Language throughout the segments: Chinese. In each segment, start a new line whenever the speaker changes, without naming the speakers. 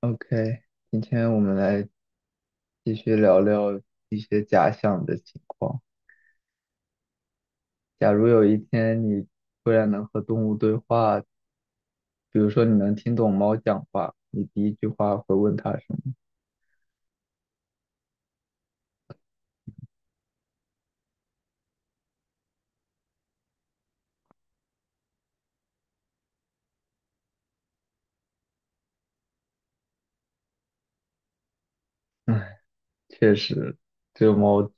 OK，今天我们来继续聊聊一些假想的情况。假如有一天你突然能和动物对话，比如说你能听懂猫讲话，你第一句话会问它什么？唉，确实，这猫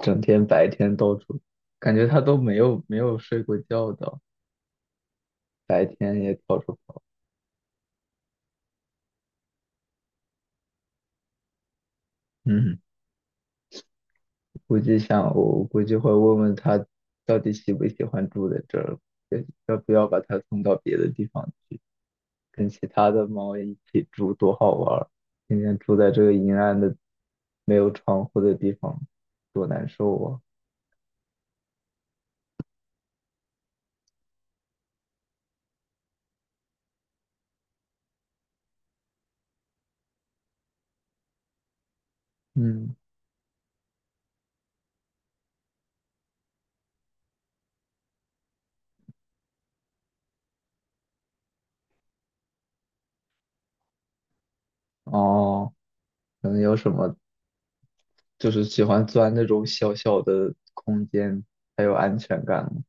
整天白天到处，感觉它都没有睡过觉的，白天也到处跑。嗯，估计我估计会问问它到底喜不喜欢住在这儿，要不要把它送到别的地方去。跟其他的猫一起住，多好玩儿！天天住在这个阴暗的、没有窗户的地方，多难受啊！嗯，哦，可能有什么就是喜欢钻那种小小的空间，才有安全感吗。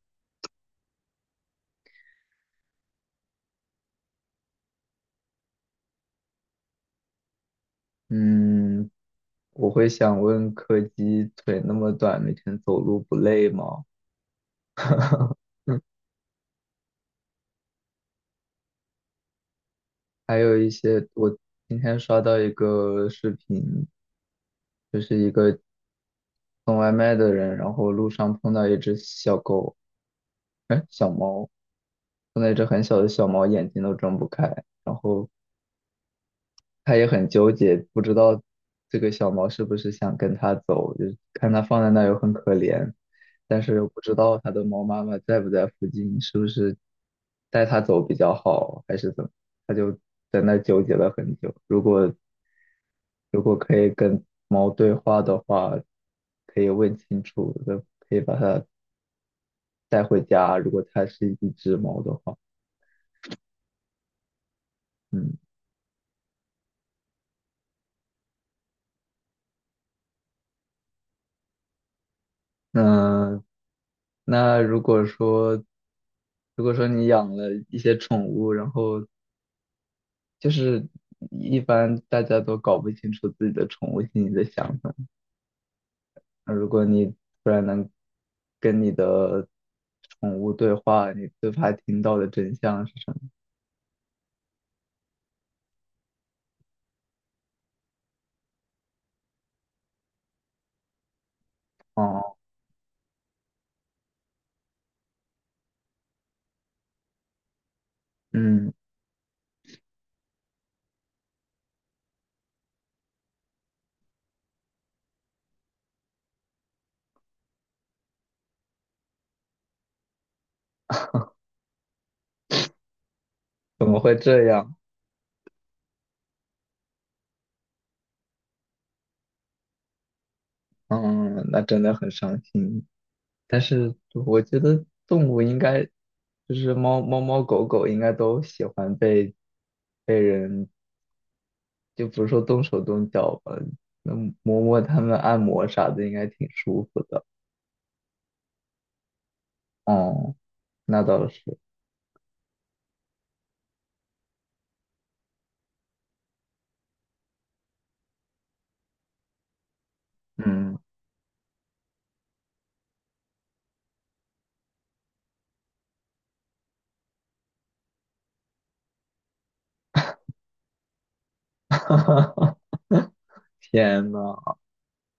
嗯，我会想问柯基，腿那么短，每天走路不累吗？还有一些，我今天刷到一个视频，就是一个送外卖的人，然后路上碰到一只小狗，哎，碰到一只很小的小猫，眼睛都睁不开，然后他也很纠结，不知道这个小猫是不是想跟他走，就是看它放在那儿又很可怜，但是又不知道它的猫妈妈在不在附近，是不是带它走比较好，还是怎么？他就在那儿纠结了很久。如果可以跟猫对话的话，可以问清楚，可以把它带回家，如果它是一只猫的话。嗯，那那如果说你养了一些宠物，然后就是一般大家都搞不清楚自己的宠物心里的想法，那如果你突然能跟你的宠物对话，你最怕听到的真相是什么？哦，嗯，怎么会这样？嗯，那真的很伤心。但是我觉得动物应该就是猫猫狗狗应该都喜欢被人，就不是说动手动脚吧，能摸摸它们、按摩啥的，应该挺舒服的。哦，那倒是。嗯，天呐，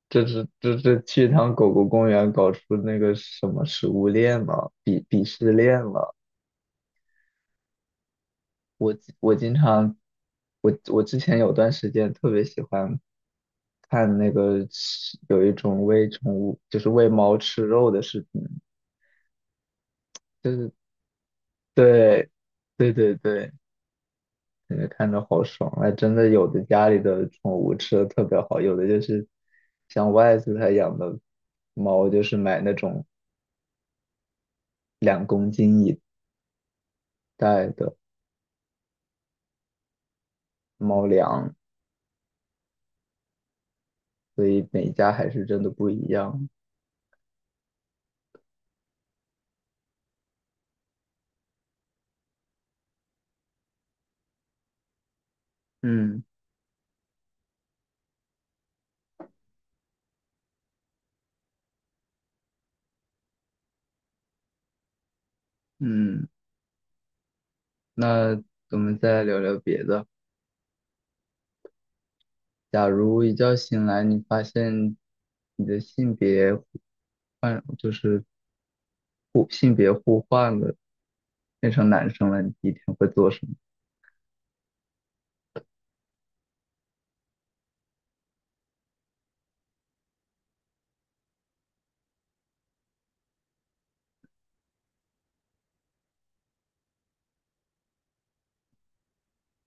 这是去一趟狗狗公园搞出那个什么食物链了，鄙视链了。我我经常，我之前有段时间特别喜欢看那个吃有一种喂宠物，就是喂猫吃肉的视频，就是对，对，感觉看着好爽。哎，真的有的家里的宠物吃的特别好，有的就是像外头他养的猫，就是买那种两公斤一袋的猫粮，所以每家还是真的不一样。嗯嗯。那我们再聊聊别的。假如一觉醒来，你发现你的性别换，就是性别互换了，变成男生了，你第一天会做什么？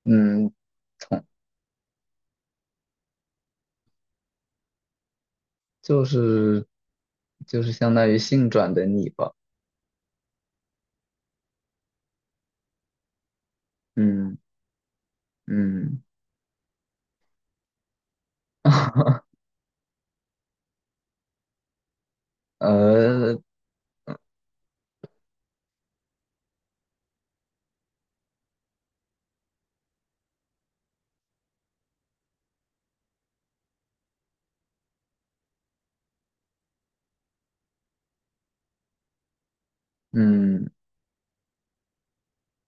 嗯，从就是就是相当于性转的你吧。嗯嗯，呃嗯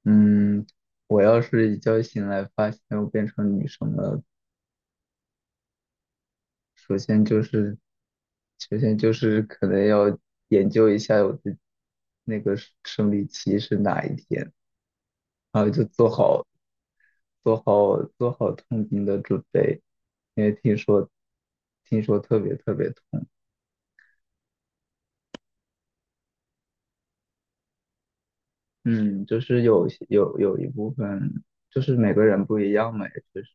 嗯，我要是一觉醒来发现我变成女生了。首先就是，首先就是可能要研究一下我的那个生理期是哪一天，然后就做好痛经的准备，因为听说特别特别痛。嗯，就是有些有一部分就是每个人不一样嘛，也就是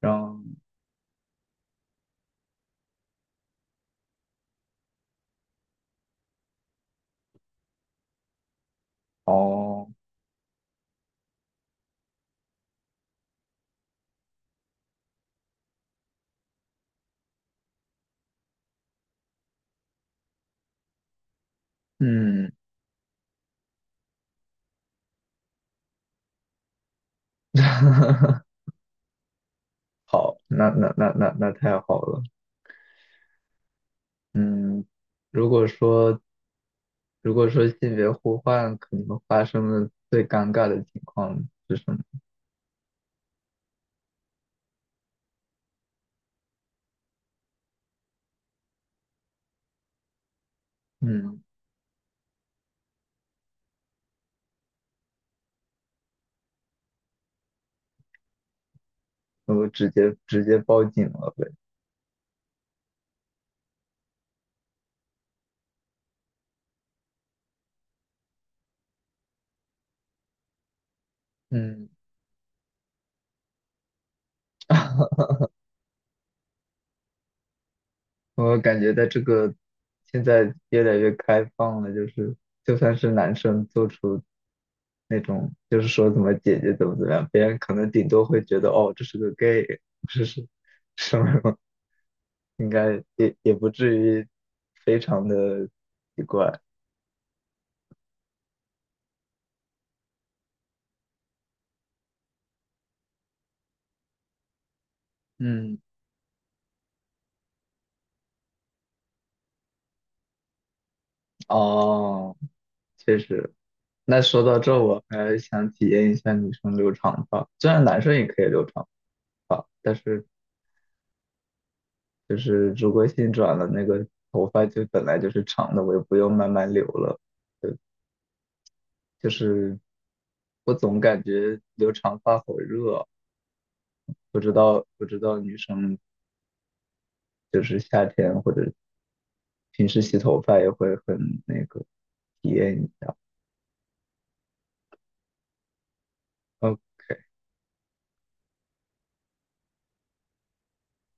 让哦，嗯，好，那太好了，嗯。如果说性别互换，可能发生的最尴尬的情况是什么？嗯，我直接报警了呗。嗯，我感觉在这个现在越来越开放了，就是就算是男生做出那种就是说怎么姐姐怎么样，别人可能顶多会觉得哦这是个 gay，这是什么，应该也不至于非常的奇怪。嗯，哦，确实。那说到这，我还想体验一下女生留长发。虽然男生也可以留长发，但是就是如果性转了，那个头发就本来就是长的，我也不用慢慢留了。就就是我总感觉留长发好热，不知道女生就是夏天或者平时洗头发也会很那个体验一下。OK，